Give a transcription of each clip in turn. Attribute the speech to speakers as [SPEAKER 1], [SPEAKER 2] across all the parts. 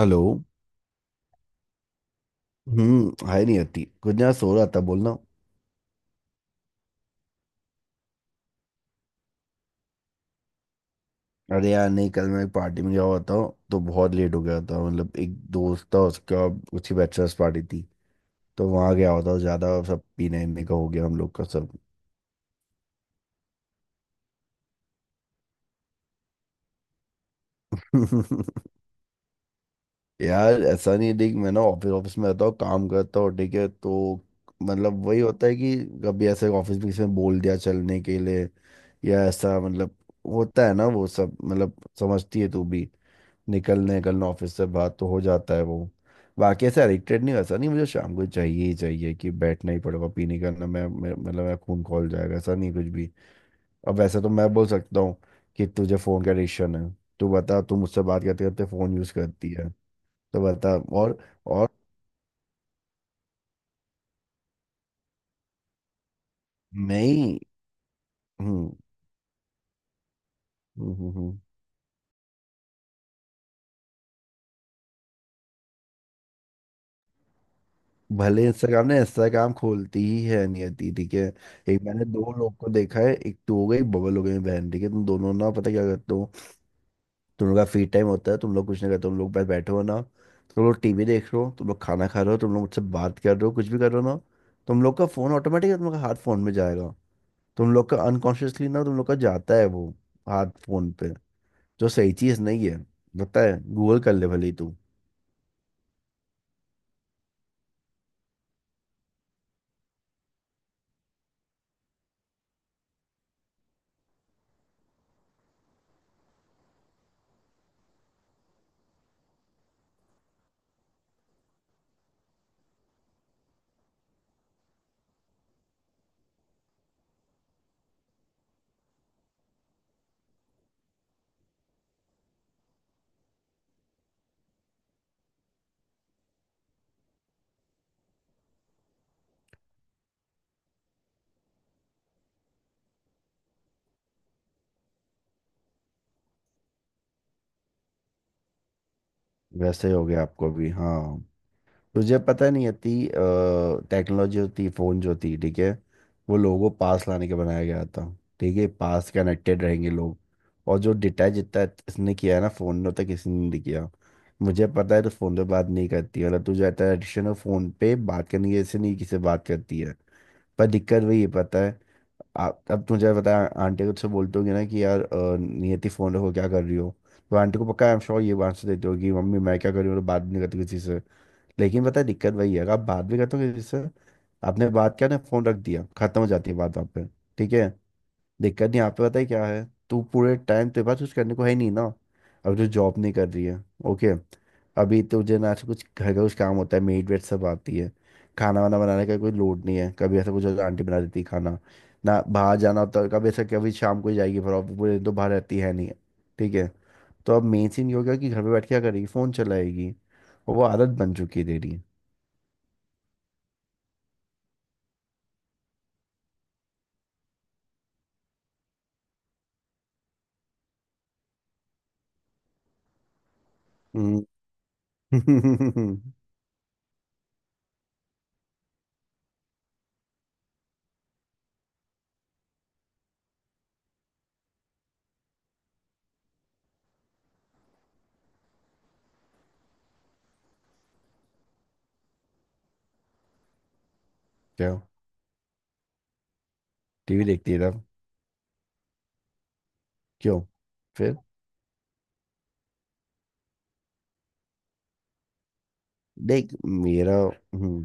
[SPEAKER 1] Hello. हाय। नहीं आती कुछ ना, सो रहा था बोलना। अरे यार नहीं, कल मैं एक पार्टी में गया हुआ था। तो बहुत लेट हो गया था, मतलब एक दोस्त था उसका, उसकी बैचलर्स पार्टी थी। तो वहाँ गया हुआ था, ज़्यादा सब पीने वीने का हो गया हम लोग का सब। यार ऐसा नहीं है, देख, मैं ना ऑफिस ऑफिस में रहता हूँ, काम करता हूँ, ठीक है तो। मतलब वही होता है कि कभी ऐसे ऑफिस में किसी ने बोल दिया चलने के लिए या ऐसा, मतलब होता है ना वो सब, मतलब समझती है तू भी। निकलने निकलना ऑफिस से बात तो हो जाता है वो। बाकी ऐसे एडिक्टेड नहीं, वैसा नहीं मुझे शाम को चाहिए ही चाहिए कि बैठना ही पड़ेगा पीने का ना, मतलब मैं खून खौल जाएगा ऐसा नहीं कुछ भी। अब वैसे तो मैं बोल सकता हूँ कि तुझे फ़ोन का एडिक्शन है। तू बता, तू मुझसे बात करते करते फ़ोन यूज़ करती है, तो बता। और नहीं। हम्म, हम्म, हम्म, हम्म। भले इंस्टाग्राम ने इंस्टाग्राम खोलती ही है नियति, ठीक है। एक मैंने दो लोग को देखा है, एक तो हो गई बबल हो गई बहन, ठीक है, तुम दोनों ना पता क्या करते हो। तुम लोग का फ्री टाइम होता है, तुम लोग कुछ नहीं करते, तुम लोग बस बैठे हो ना, तुम लोग टीवी देख रहे हो, तुम लोग खाना खा रहे हो, तुम लोग मुझसे बात कर रहे हो, कुछ भी कर रहे हो ना, तुम लोग का फोन ऑटोमेटिक तुम लोग का हाथ फोन में जाएगा। तुम लोग का अनकॉन्शियसली ना तुम लोग का जाता है वो हाथ फोन पे, जो सही चीज नहीं है। पता है, गूगल कर ले भले ही तू। वैसे हो गया आपको भी, हाँ। तुझे पता नहीं है ती, टेक्नोलॉजी होती फ़ोन जो थी, ठीक है, वो लोगों को पास लाने के बनाया गया था, ठीक है, पास कनेक्टेड रहेंगे लोग। और जो डिटैच जितना इसने किया है ना फ़ोन ने, उतना किसी ने नहीं किया। मुझे पता है, तो फ़ोन पे बात नहीं करती, मतलब तुझे आता है एडिक्शन है फ़ोन पे बात करने की, ऐसे नहीं किसी से बात करती है। पर दिक्कत वही है, पता है। आप अब तुझे पता है आंटी को तुझसे बोलते होगी ना कि यार नियति फ़ोन रखो क्या कर रही हो, तो आंटी को पक्का, आई एम श्योर, ये आंसर देती होगी, मम्मी मैं क्या कर रही हूँ, तो बात भी नहीं करती किसी से। लेकिन पता है दिक्कत वही है, आप बात भी करते हो किसी से, आपने बात किया ना फोन रख दिया, खत्म हो जाती है बात वहाँ पे, ठीक है। दिक्कत नहीं यहाँ पे, पता है क्या है, तू पूरे टाइम तेरे पास कुछ करने को है नहीं ना, अब जो जॉब नहीं कर रही है, ओके। अभी तुझे ना ऐसे कुछ घर का कुछ काम होता है, मेड वेड सब आती है, खाना वाना बनाने का कोई लोड नहीं है, कभी ऐसा कुछ होता है, आंटी बना देती है खाना। ना बाहर जाना होता है कभी ऐसा, कभी शाम को ही जाएगी फिर, ऑफिस पूरे दिन तो बाहर रहती है नहीं, ठीक है। तो अब मेन सीन ये हो गया कि घर पे बैठ के क्या करेगी, फ़ोन चलाएगी, और वो आदत बन चुकी है तेरी। हम्म। क्या, टीवी देखती है तब? क्यों? फिर देख मेरा, हम्म।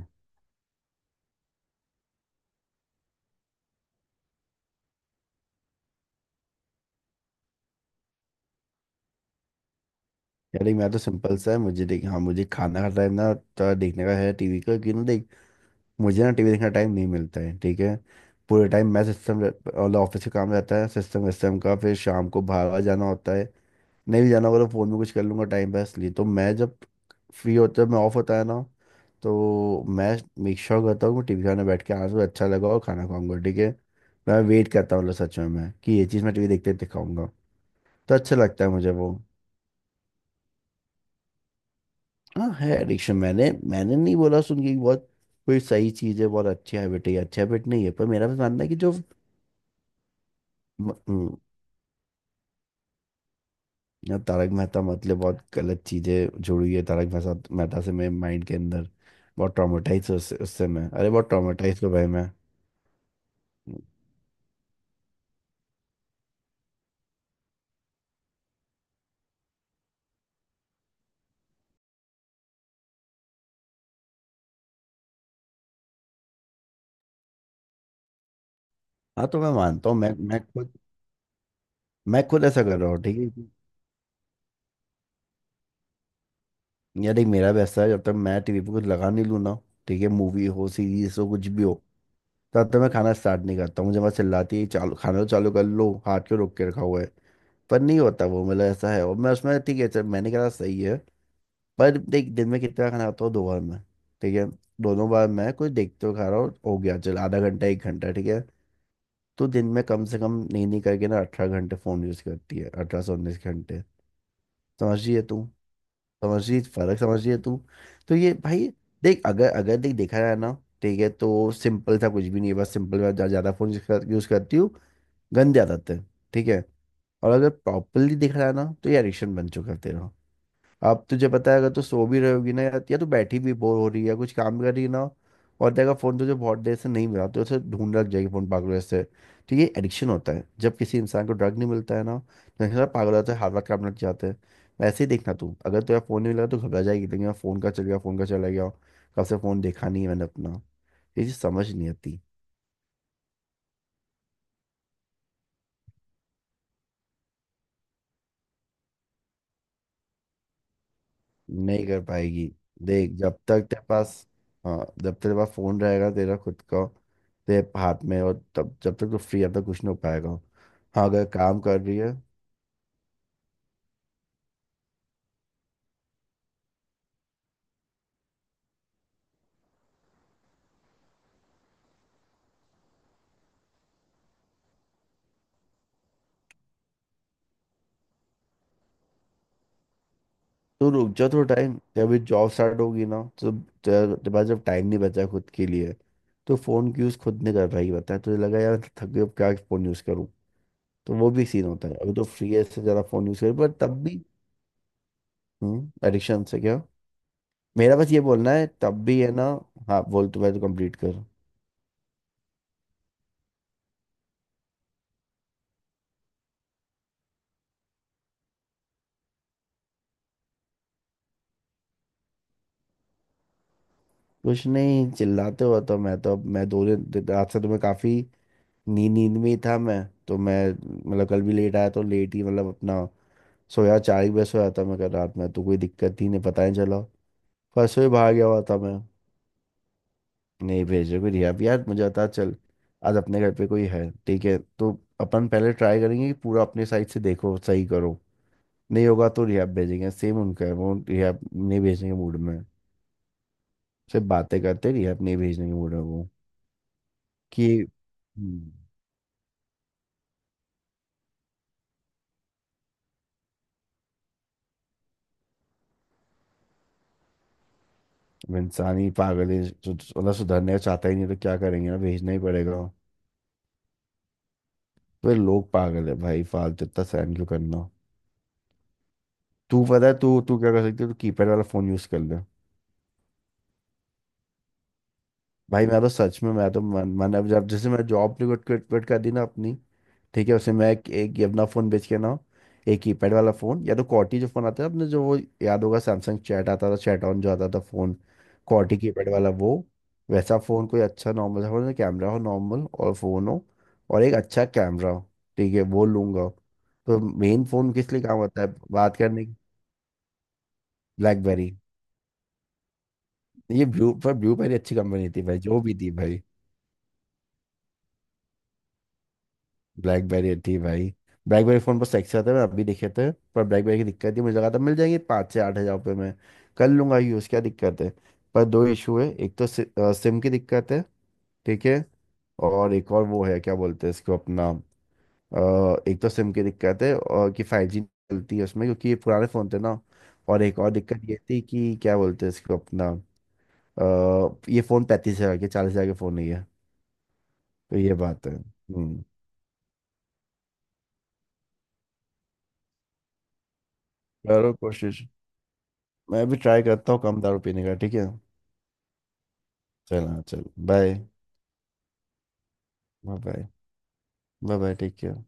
[SPEAKER 1] यार देख मैं तो सिंपल सा है, मुझे देख, हाँ मुझे खाना का टाइम ना तो देखने का है टीवी का, क्यों ना देख। मुझे ना टीवी देखने का टाइम नहीं मिलता है, ठीक है, पूरे टाइम मैं सिस्टम और ऑफिस का काम रहता है, सिस्टम सिस्टम का, फिर शाम को बाहर वाहर जाना होता है, नहीं भी जाना होगा तो फ़ोन में कुछ कर लूंगा टाइम पास लिए, तो मैं जब फ्री होता है, मैं ऑफ होता है ना, तो मैं मेक श्योर करता हूँ कि टीवी खाने बैठ के आज मुझे अच्छा लगा और खाना खाऊंगा, ठीक है। मैं वेट करता हूँ, मतलब सच में मैं कि ये चीज़ मैं टीवी देखते देखते खाऊंगा, तो अच्छा लगता है मुझे वो। हाँ है एडिक्शन, मैंने मैंने नहीं बोला सुन के कि बहुत कोई सही चीज़ है, बहुत अच्छी हैबिट है, ये अच्छी हैबिट नहीं है, पर मेरा बस मानना है कि। जो या तारक मेहता, मतलब बहुत गलत चीजें जुड़ी है तारक मेहता मेहता से मेरे माइंड के अंदर। बहुत ट्रॉमेटाइज उससे उससे मैं, अरे बहुत ट्रॉमेटाइज हो भाई मैं। हाँ तो मैं मानता हूँ, मैं खुद, मैं खुद ऐसा कर रहा हूँ, ठीक है। यार देख मेरा भी ऐसा है, जब तक मैं टीवी पे कुछ लगा नहीं लूँ ना, ठीक है, मूवी हो सीरीज हो कुछ भी हो, तब तक मैं खाना स्टार्ट नहीं करता, मुझे बस चिल्लाती है चालू खाना तो चालू कर लो, हाथ क्यों रोक के रखा हुआ है, पर नहीं होता वो, मतलब ऐसा है और मैं उसमें ठीक है चल मैंने कहा सही है। पर देख दिन में कितना खाना खाता हूँ, दो बार मैं, ठीक है, दोनों बार मैं कुछ देखते हुए खा रहा हूँ, हो गया चल आधा घंटा एक घंटा, ठीक है। तो दिन में कम से कम नहीं नहीं करके ना 18 घंटे फ़ोन यूज़ करती है, 18 से 19 घंटे। समझ रही है तू? समझ रही फर्क, समझ रही है तू? तो ये भाई, देख, अगर अगर देख देखा जाए ना, ठीक है, तो सिंपल सा कुछ भी नहीं है, बस सिंपल मैं ज़्यादा फ़ोन यूज़ करती हूँ, गंदे आदत है, ठीक है। और अगर प्रॉपरली देखा जाए ना, तो ये एडिक्शन बन चुका है तेरा। अब तुझे पता है, अगर तू सो भी रहोगी ना, या तू बैठी भी बोर हो रही है या कुछ काम कर रही है ना, और देखा फोन तुझे बहुत देर से नहीं मिला, तो उसे ढूंढ रख जाएगी फोन पागलों से। तो ये एडिक्शन होता है, जब किसी इंसान को ड्रग नहीं मिलता है ना, तो इंसान पागल होता है, हर वक्त काम लग जाते हैं। वैसे ही देखना तू, अगर तुझे फोन नहीं मिला तो घबरा जाएगी, लेकिन फोन का चल गया, फोन का चला गया, कब से फोन देखा नहीं है मैंने अपना, ये चीज़ समझ नहीं आती। नहीं कर पाएगी, देख जब तक तेरे पास, हाँ जब तक तेरे पास फोन रहेगा तेरा खुद का, तेरे हाथ में, और तब जब तक तू फ्री, जब तक कुछ नहीं हो पाएगा। हाँ अगर काम कर रही है, तो रुक जा थोड़ा टाइम, जब अभी जॉब स्टार्ट होगी ना तो तेरे तेरे पास जब टाइम नहीं बचा खुद के लिए, तो फोन की यूज खुद नहीं कर पाएगी, पता है तुझे लगा यार थक गई अब क्या फोन यूज करूँ, तो वो भी सीन होता है। अभी तो फ्री है, इससे ज्यादा फोन यूज कर, पर तब भी। हम्म, एडिक्शन से क्या, मेरा बस ये बोलना है तब भी है ना। हाँ बोल तू, मैं तो कंप्लीट कर। कुछ नहीं, चिल्लाते हो तो मैं, तो मैं 2 दिन रात से तो मैं काफी नींद नींद में ही था मैं, तो मैं मतलब कल भी लेट आया तो लेट ही, मतलब अपना, सोया 4 ही बजे सोया था मैं कल रात में, तो कोई दिक्कत ही नहीं, पता नहीं चला। परसों ही बाहर गया हुआ था मैं। नहीं भेजे कोई रिहा भी, यार मुझे था चल, आज अपने घर पे कोई है, ठीक है, तो अपन पहले ट्राई करेंगे कि पूरा अपने साइड से देखो सही करो, नहीं होगा तो रिहा भेजेंगे। सेम उनका है, वो रिहा नहीं भेजने के मूड में, सिर्फ बातें करते, रिहा नहीं भेजने के मूड में वो, कि। हम्म। अब इंसान ही पागल है, मतलब सुधरने चाहता ही नहीं, तो क्या करेंगे ना, भेजना ही पड़ेगा। तो ये लोग पागल है भाई, फालतू इतना सहन क्यों करना। तू पता है तू तू क्या कर सकती है, तू कीपैड वाला फोन यूज कर ले। भाई मैं तो सच में, मैं तो मन मन अब जब जैसे मैं जॉब क्विट क्विट कर दी ना अपनी, ठीक है, उसमें मैं एक ये अपना फ़ोन बेच के ना, एक कीपैड वाला फ़ोन, या तो कॉर्टी जो फ़ोन आता है अपने, जो वो याद होगा सैमसंग चैट आता था, चैट ऑन जो आता था फ़ोन, कॉर्टी कीपैड वाला वो, वैसा फ़ोन, कोई अच्छा नॉर्मल सा फ़ोन, कैमरा हो नॉर्मल और फ़ोन हो, और एक अच्छा कैमरा हो, ठीक है, वो लूंगा। तो मेन फ़ोन किस लिए काम आता है, बात करने की। ब्लैकबेरी। ये ब्लू, पर ब्लूबेरी अच्छी कंपनी थी भाई, जो भी थी भाई। ब्लैकबेरी थी भाई। ब्लैकबेरी फोन पर सैक्से आते हैं, मैंने अभी देखे थे, पर ब्लैकबेरी की दिक्कत थी, मुझे लगा था मिल जाएंगे 5 से 8 हज़ार रुपये में, कर लूंगा यूज़, क्या दिक्कत है। पर दो इशू है, एक तो सिम की दिक्कत है, ठीक है, और एक और वो है क्या बोलते हैं इसको अपना, अ, एक तो सिम की दिक्कत है, और कि 5G चलती है उसमें, क्योंकि ये पुराने फ़ोन थे ना। और एक और दिक्कत ये थी, कि क्या बोलते हैं इसको अपना, अ, ये फ़ोन 35 हज़ार के 40 हज़ार के फ़ोन नहीं है, तो ये बात है। हम्म, करो कोशिश, मैं भी ट्राई करता हूँ कम दारू पीने का, ठीक है। चल हाँ चल bye. Bye bye, bye, take care.